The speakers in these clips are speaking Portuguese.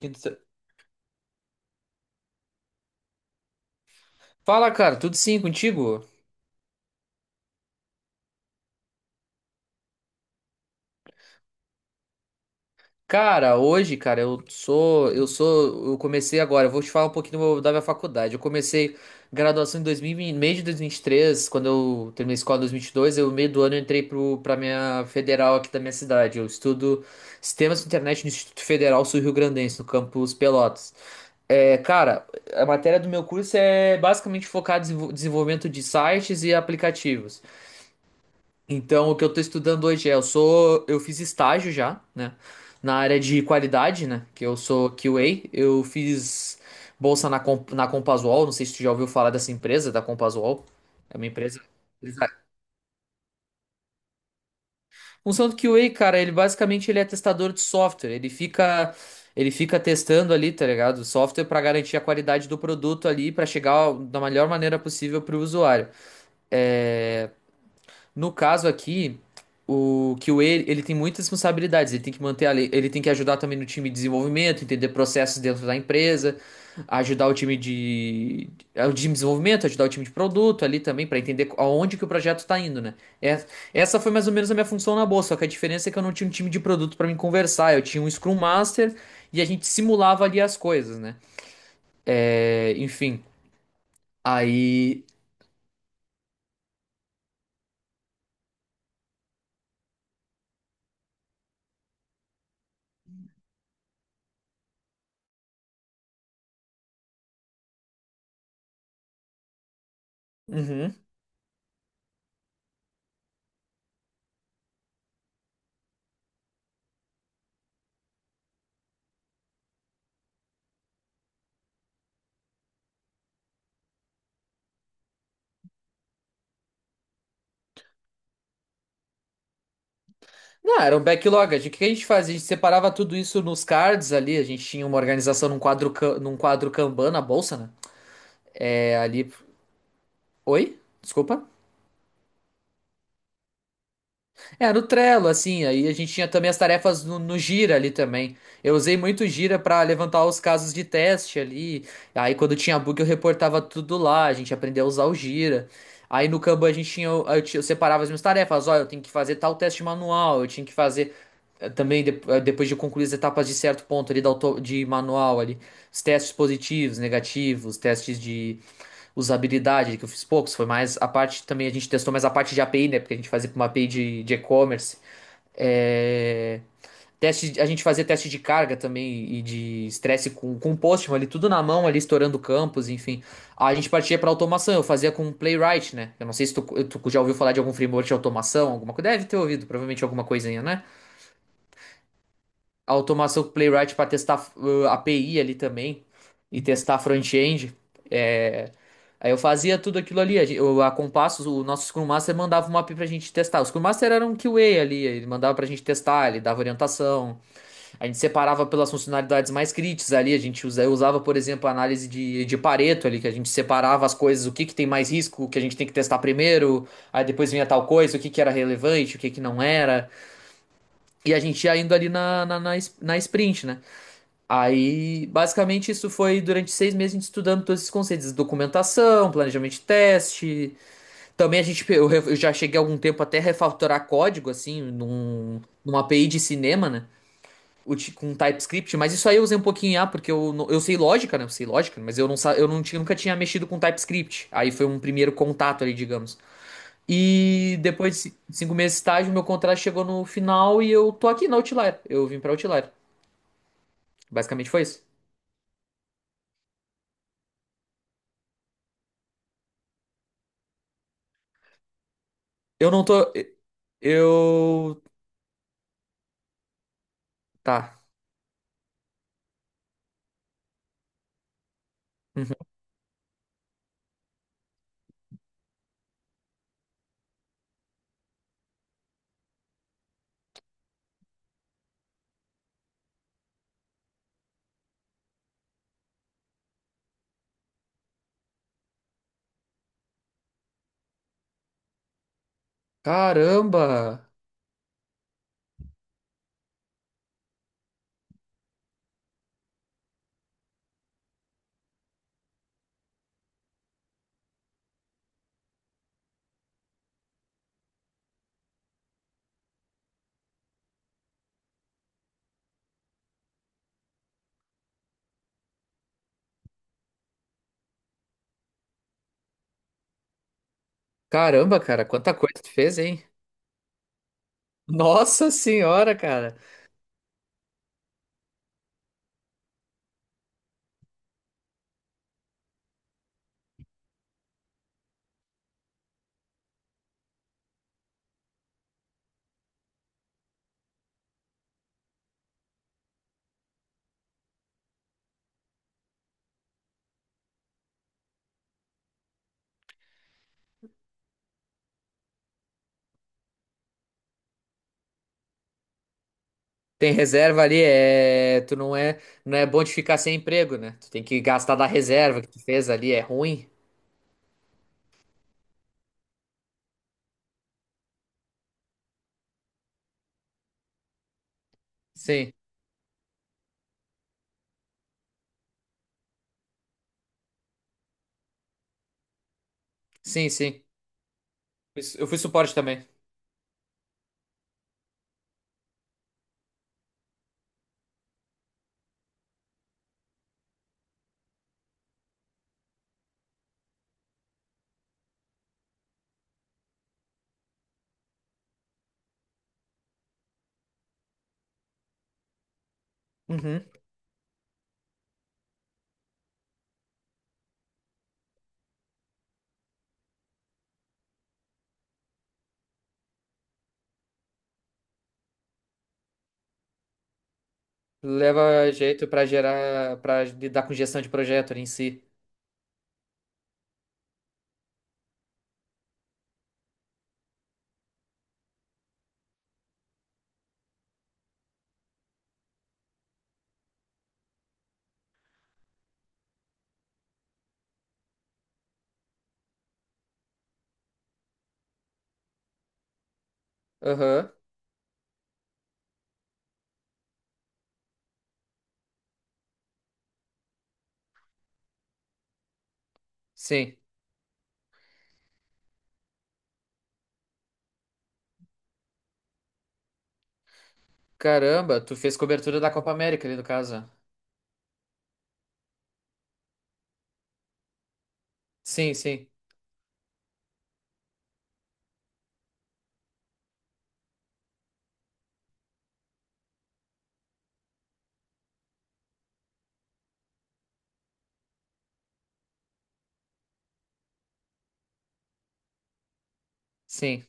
Quinta- Fala, cara, tudo sim contigo? Cara, hoje, cara, eu comecei agora, eu vou te falar um pouquinho do meu- da minha faculdade. Eu comecei graduação em 2000, e- vinte meio de 2023, quando eu terminei a escola em 2022, eu meio do ano eu entrei pra minha federal aqui da minha cidade. Eu estudo Sistemas de Internet no Instituto Federal Sul-Rio Grandense, no campus Pelotas. É, cara, a matéria do meu curso é basicamente focada em desenvol- desenvolvimento de sites e aplicativos. Então, o que eu tô estudando hoje é, eu sou, eu fiz estágio já, né, na área de qualidade, né, que eu sou QA. Eu fiz bolsa na, Com- na Compasual, não sei se tu já ouviu falar dessa empresa, da Compasual, é uma empresa... Função do QA, cara, ele basicamente ele é testador de software. Ele fica, ele fica testando ali, tá ligado, o software pra garantir a qualidade do produto ali, pra chegar da melhor maneira possível pro usuário. É, No caso aqui, o que ele tem muitas responsabilidades. Ele tem que manter a lei, ele tem que ajudar também no time de desenvolvimento, entender processos dentro da empresa, ajudar o time de, o time de desenvolvimento, ajudar o time de produto ali também para entender aonde que o projeto está indo, né? É- essa foi mais ou menos a minha função na bolsa, só que a diferença é que eu não tinha um time de produto para me conversar, eu tinha um Scrum Master e a gente simulava ali as coisas, né? É, enfim, aí. Uhum. Não, era um backlog. A gente- O que a gente fazia? A gente separava tudo isso nos cards ali. A gente tinha uma organização num quadro, ca- num quadro Kanban na bolsa, né? É, ali. Oi? Desculpa. É, no Trello, assim, aí a gente tinha também as tarefas no Gira ali também. Eu usei muito o Gira pra levantar os casos de teste ali. Aí quando tinha bug eu reportava tudo lá, a gente aprendeu a usar o Gira. Aí no Kanban a gente tinha, eu tinha- eu separava as minhas tarefas, olha, eu tenho que fazer tal teste manual, eu tinha que fazer também de- depois de concluir as etapas de certo ponto ali da auto- de manual ali, os testes positivos, negativos, testes de usabilidade, que eu fiz poucos, foi mais a parte também, a gente testou mais a parte de API, né? Porque a gente fazia para uma API de e-commerce. É, Teste, a gente fazia teste de carga também e de estresse com Postman ali, tudo na mão, ali estourando campos, enfim. A gente partia para automação, eu fazia com Playwright, né? Eu não sei se tu já ouviu falar de algum framework de automação, alguma coisa. Deve ter ouvido, provavelmente alguma coisinha, né? A automação com o Playwright para testar API ali também e testar front-end. É, Aí eu fazia tudo aquilo ali. A, gen- eu- a Compassos, o nosso Scrum Master mandava uma API pra gente testar. O Scrum Master era um QA ali, ele mandava pra gente testar, ele dava orientação. A gente separava pelas funcionalidades mais críticas ali. A gente usa- eu usava, por exemplo, a análise de Pareto ali, que a gente separava as coisas, o que que tem mais risco, o que a gente tem que testar primeiro. Aí depois vinha tal coisa, o que que era relevante, o que que não era. E a gente ia indo ali es- na sprint, né? Aí, basicamente, isso foi durante 6 meses a gente estudando todos esses conceitos, documentação, planejamento de teste. Também a gente, eu, re- eu já cheguei há algum tempo até a refatorar código, assim, numa API de cinema, né? Uti- Com TypeScript, mas isso aí eu usei um pouquinho em A, porque eu, não- eu sei lógica, né? Eu sei lógica, mas eu não, sa- eu não tinha, nunca tinha mexido com TypeScript. Aí foi um primeiro contato ali, digamos. E depois de ci- 5 meses de estágio, meu contrato chegou no final e eu tô aqui na Outlier. Eu vim pra Outlier. Basicamente foi isso. Eu não tô. Eu. Tá. Uhum. Caramba! Caramba, cara, quanta coisa tu fez, hein? Nossa senhora, cara. Tem reserva ali, é. Tu não é. Não é bom de ficar sem emprego, né? Tu tem que gastar da reserva que tu fez ali, é ruim. Sim, sim, sim. Eu fui suporte também. Uhum. Leva jeito pra gerar. Pra lidar com gestão de projeto ali em si. Aham. Sim. Caramba, tu fez cobertura da Copa América ali no caso. Sim, sim, sim,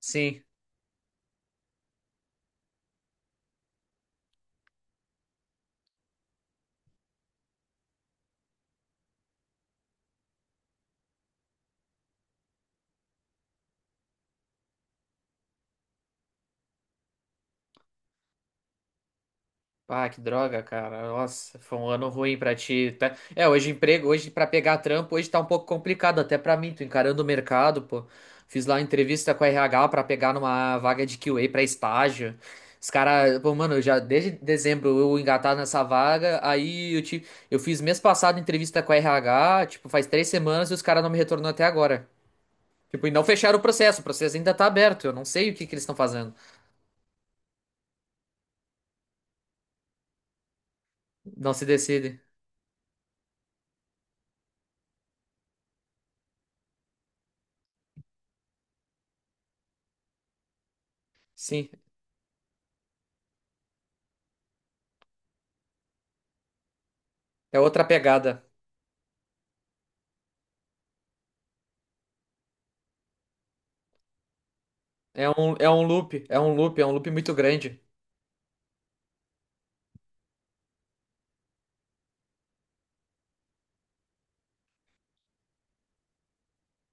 sim. Ah, que droga, cara. Nossa, foi um ano ruim pra ti, tá? É, hoje emprego, hoje pra pegar trampo, hoje tá um pouco complicado até pra mim, tô encarando o mercado, pô. Fiz lá uma entrevista com a RH pra pegar numa vaga de QA pra estágio. Os caras, pô, mano, eu já desde dezembro eu engatado nessa vaga, aí eu tive, eu fiz mês passado entrevista com a RH, tipo, faz 3 semanas e os caras não me retornam até agora. Tipo, e não fecharam o processo ainda tá aberto, eu não sei o que que eles estão fazendo. Não se decide. Sim, é outra pegada. É um loop, é um loop é um loop muito grande.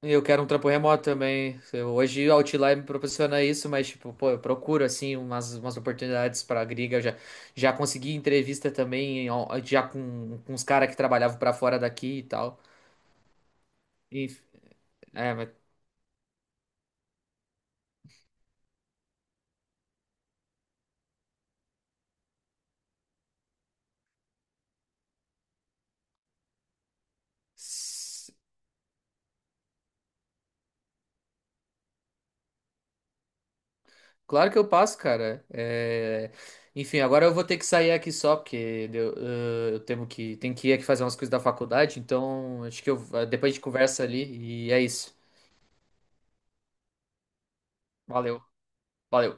E eu quero um trampo remoto também. Eu- Hoje o Outlier me proporciona isso, mas tipo, pô, eu procuro assim umas oportunidades pra gringa. Eu já, já consegui entrevista também, ó, já com os caras que trabalhavam pra fora daqui e tal. Enf- é, mas... s- Claro que eu passo, cara. É, Enfim, agora eu vou ter que sair aqui só, porque deu- eu tenho que ir aqui fazer umas coisas da faculdade, então acho que eu, depois a gente conversa ali e é isso. Valeu. Valeu.